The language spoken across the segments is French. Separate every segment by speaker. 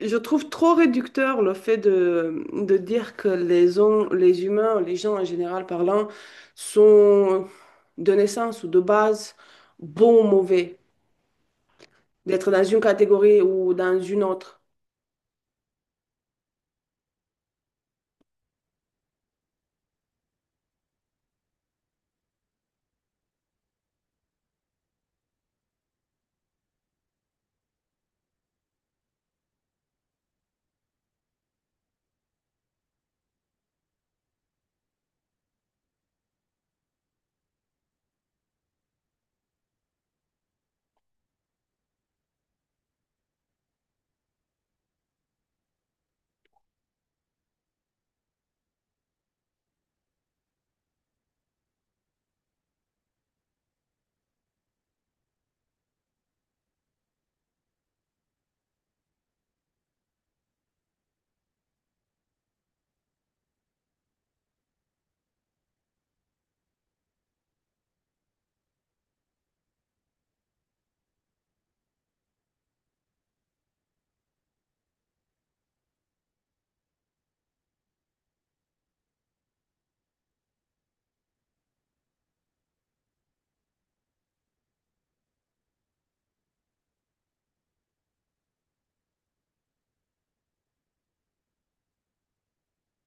Speaker 1: Je trouve trop réducteur le fait de dire que les humains, les gens en général parlant, sont de naissance ou de base bons ou mauvais, d'être dans une catégorie ou dans une autre.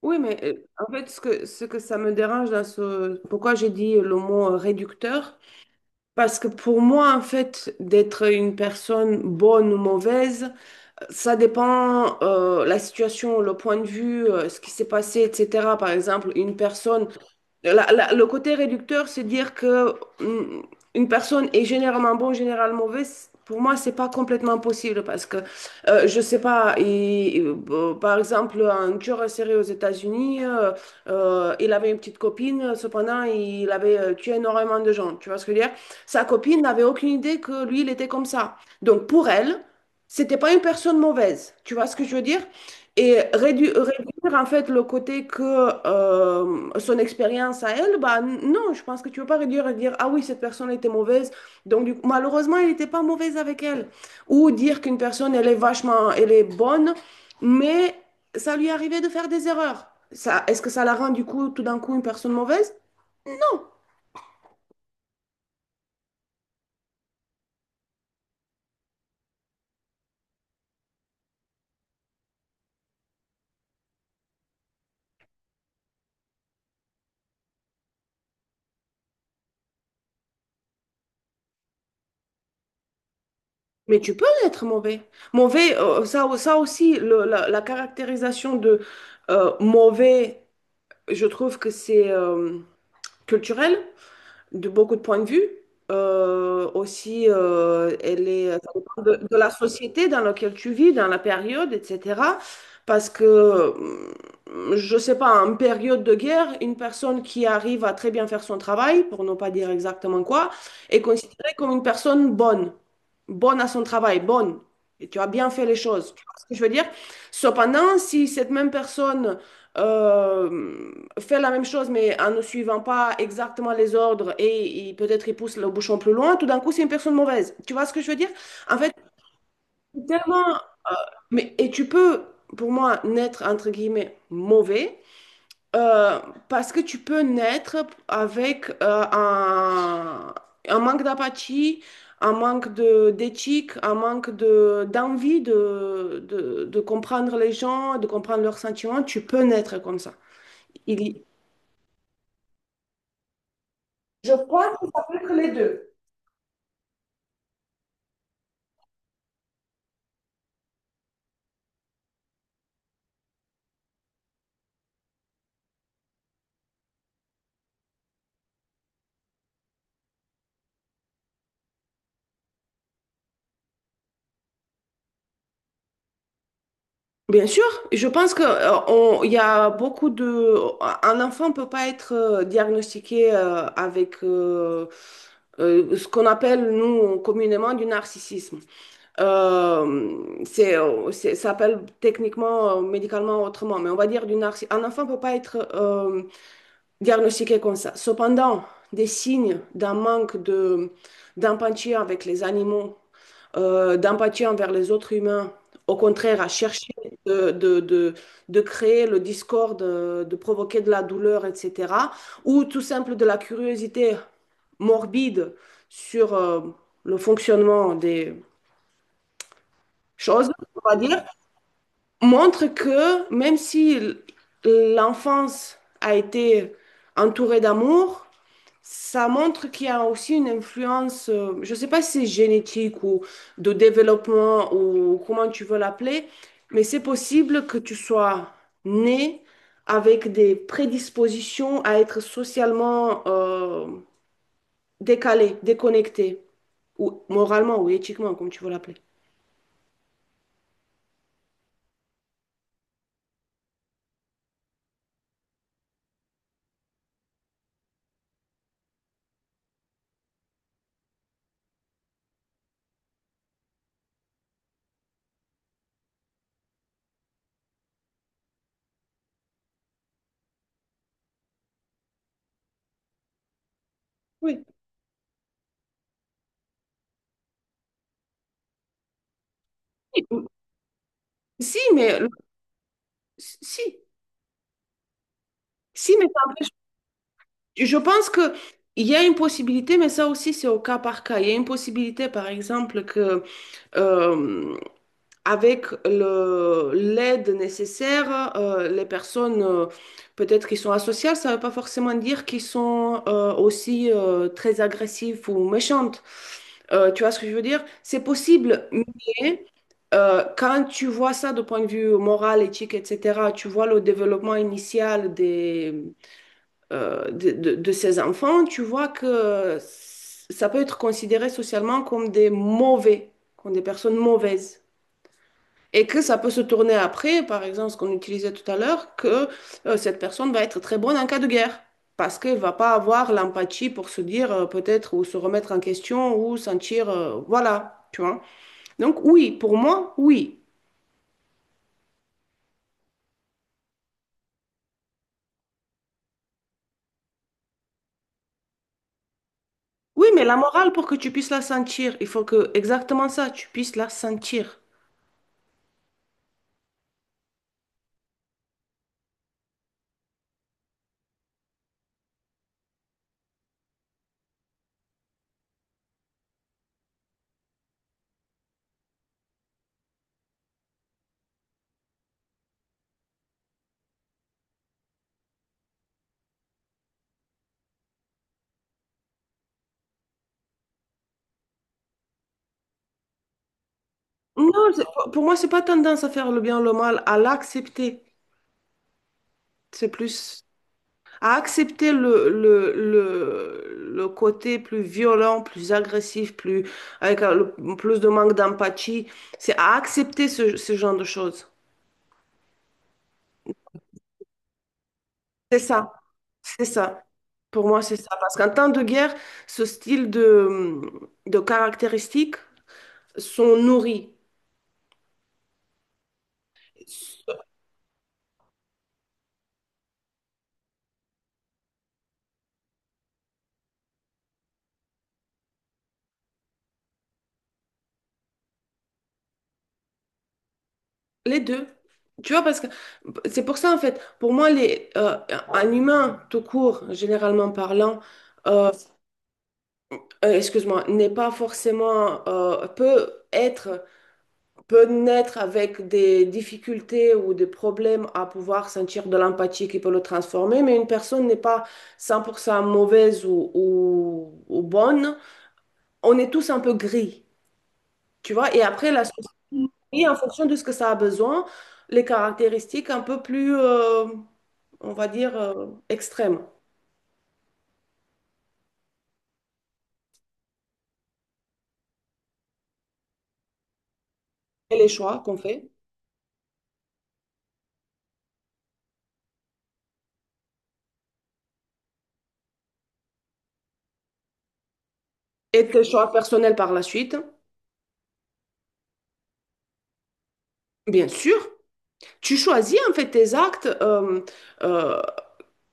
Speaker 1: Oui, mais en fait, ce que ça me dérange dans ce... Pourquoi j'ai dit le mot réducteur? Parce que pour moi, en fait, d'être une personne bonne ou mauvaise, ça dépend la situation, le point de vue, ce qui s'est passé, etc. Par exemple, une personne le côté réducteur, c'est dire que mm, une personne est généralement bon, généralement mauvaise. Pour moi, c'est pas complètement possible parce que je sais pas. Par exemple, un tueur en série aux États-Unis, il avait une petite copine. Cependant, il avait tué énormément de gens. Tu vois ce que je veux dire? Sa copine n'avait aucune idée que lui, il était comme ça. Donc pour elle, c'était pas une personne mauvaise. Tu vois ce que je veux dire? Et réduire en fait le côté que son expérience à elle, bah non, je pense que tu ne peux pas réduire et dire, ah oui, cette personne était mauvaise, donc du coup, malheureusement, elle n'était pas mauvaise avec elle. Ou dire qu'une personne, elle est vachement, elle est bonne, mais ça lui arrivait de faire des erreurs. Ça, est-ce que ça la rend du coup, tout d'un coup, une personne mauvaise? Non. Mais tu peux être mauvais. Mauvais, ça, ça aussi, la caractérisation de mauvais, je trouve que c'est culturel. De beaucoup de points de vue. Aussi, ça dépend de la société dans laquelle tu vis, dans la période, etc. Parce que, je sais pas, en période de guerre, une personne qui arrive à très bien faire son travail, pour ne pas dire exactement quoi, est considérée comme une personne bonne, bonne à son travail, bonne. Et tu as bien fait les choses. Tu vois ce que je veux dire? Cependant, si cette même personne euh, fait la même chose, mais en ne suivant pas exactement les ordres et peut-être il pousse le bouchon plus loin, tout d'un coup, c'est une personne mauvaise. Tu vois ce que je veux dire? En fait, c'est tellement... Mais, et tu peux, pour moi, naître, entre guillemets, mauvais, euh, parce que tu peux naître avec un manque d'apathie, un manque d'éthique, un manque d'envie de comprendre les gens, de comprendre leurs sentiments. Tu peux naître comme ça. Il, je crois que ça peut être les deux. Bien sûr, je pense que on- il y a beaucoup de un enfant ne peut pas être diagnostiqué avec ce qu'on appelle nous communément du narcissisme. Ça s'appelle techniquement, médicalement autrement, mais on va dire du Un enfant ne peut pas être diagnostiqué comme ça. Cependant, des signes d'un manque d'empathie avec les animaux d'empathie envers les autres humains. Au contraire, à chercher de, de, de, de créer le discorde, de provoquer de la douleur, etc. Ou tout simple de la curiosité morbide sur le fonctionnement des choses, on va dire, montre que même si l'enfance a été entourée d'amour, ça montre qu'il y a aussi une influence, je ne sais pas si c'est génétique ou de développement ou comment tu veux l'appeler, mais c'est possible que tu sois né avec des prédispositions à être socialement décalé, déconnecté, ou moralement ou éthiquement, comme tu veux l'appeler. Oui. Si, si, si, mais ça empêche- je pense que il y a une possibilité, mais ça aussi c'est au cas par cas. Il y a une possibilité, par exemple, que euh, avec l'aide nécessaire, les personnes peut-être qui sont asociales, ça ne veut pas forcément dire qu'ils sont aussi très agressifs ou méchantes. Tu vois ce que je veux dire? C'est possible, mais quand tu vois ça de point de vue moral, éthique, etc., tu vois le développement initial de ces enfants, tu vois que ça peut être considéré socialement comme des mauvais, comme des personnes mauvaises. Et que ça peut se tourner après, par exemple, ce qu'on utilisait tout à l'heure, que cette personne va être très bonne en cas de guerre, parce qu'elle va pas avoir l'empathie pour se dire peut-être ou se remettre en question ou sentir, voilà, tu vois. Donc oui, pour moi, oui. Oui, mais la morale, pour que tu puisses la sentir, il faut que exactement ça, tu puisses la sentir. Non, pour moi, c'est pas tendance à faire le bien ou le mal, à l'accepter. C'est plus... à accepter le côté plus violent, plus agressif, plus, avec plus de manque d'empathie. C'est à accepter ce genre de choses. C'est ça, c'est ça. Pour moi, c'est ça. Parce qu'en temps de guerre, ce style de caractéristiques sont nourris. Les deux. Tu vois, parce que c'est pour ça, en fait, pour moi, un humain, tout court, généralement parlant, euh, excuse-moi, n'est pas forcément, peut naître avec des difficultés ou des problèmes à pouvoir sentir de l'empathie qui peut le transformer, mais une personne n'est pas 100% mauvaise ou bonne. On est tous un peu gris, tu vois, et après la société, en fonction de ce que ça a besoin, les caractéristiques un peu plus, on va dire, extrêmes. Et les choix qu'on fait, et tes choix personnels par la suite, bien sûr. Tu choisis en fait tes actes euh,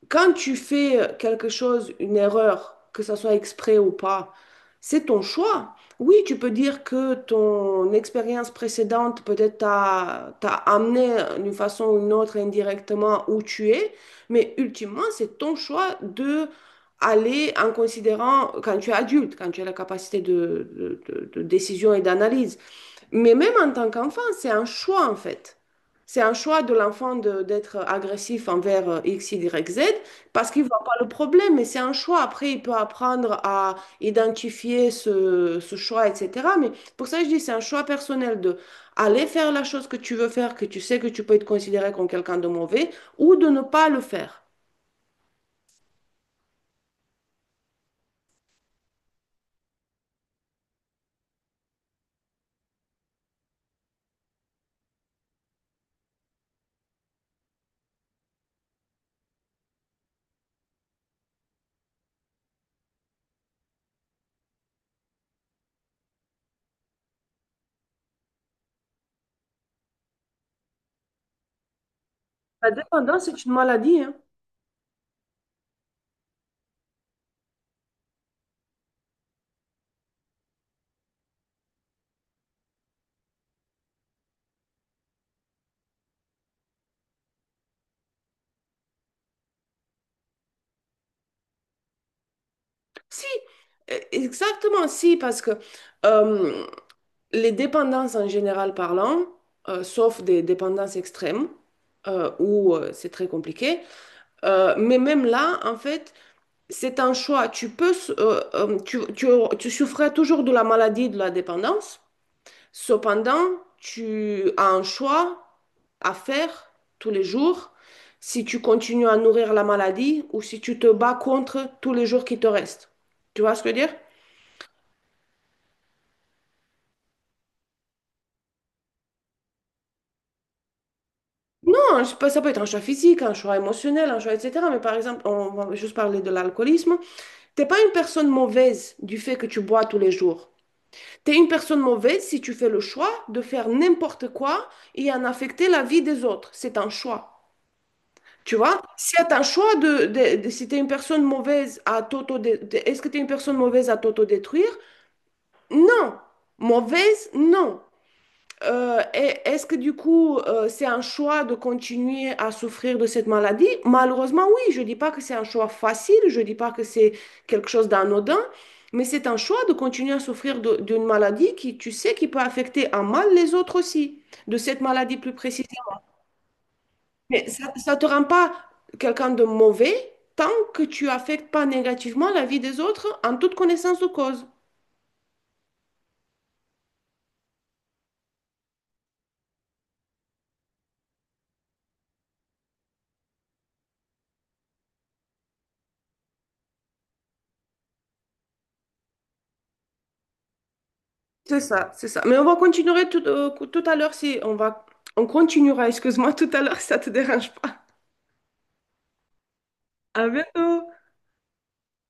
Speaker 1: quand tu fais quelque chose, une erreur, que ça soit exprès ou pas, c'est ton choix. Oui, tu peux dire que ton expérience précédente peut-être t'a amené d'une façon ou d'une autre indirectement où tu es, mais ultimement, c'est ton choix de aller en considérant quand tu es adulte, quand tu as la capacité de décision et d'analyse. Mais même en tant qu'enfant, c'est un choix en fait. C'est un choix de l'enfant d'être agressif envers X, Y, Z parce qu'il ne voit pas le problème, mais c'est un choix. Après, il peut apprendre à identifier ce choix, etc. Mais pour ça, je dis, c'est un choix personnel de aller faire la chose que tu veux faire, que tu sais que tu peux être considéré comme quelqu'un de mauvais, ou de ne pas le faire. La dépendance, c'est une maladie, hein. Si, exactement, si, parce que euh, Les dépendances en général parlant, sauf des dépendances extrêmes, où c'est très compliqué, mais même là, en fait, c'est un choix. Tu peux, tu, tu, tu souffrais toujours de la maladie de la dépendance, cependant, tu as un choix à faire tous les jours si tu continues à nourrir la maladie ou si tu te bats contre tous les jours qui te restent. Tu vois ce que je veux dire? Non, je sais pas, ça peut être un choix physique, un choix émotionnel, un choix, etc. Mais par exemple, on va juste parler de l'alcoolisme. T'es pas une personne mauvaise du fait que tu bois tous les jours. Tu es une personne mauvaise si tu fais le choix de faire n'importe quoi et en affecter la vie des autres. C'est un choix. Tu vois, si t'as un choix si t'es une personne mauvaise à t'auto, de- est-ce que t'es une personne mauvaise à t'autodétruire? Non. Mauvaise, non. Est-ce que du coup, c'est un choix de continuer à souffrir de cette maladie? Malheureusement, oui, je ne dis pas que c'est un choix facile, je ne dis pas que c'est quelque chose d'anodin, mais c'est un choix de continuer à souffrir d'une maladie qui, tu sais, qui peut affecter en mal les autres aussi, de cette maladie plus précisément. Mais ça ne te rend pas quelqu'un de mauvais tant que tu affectes pas négativement la vie des autres en toute connaissance de cause. C'est ça, c'est ça. Mais on va continuer tout à l'heure si on continuera, excuse-moi, tout à l'heure si ça te dérange pas. À bientôt.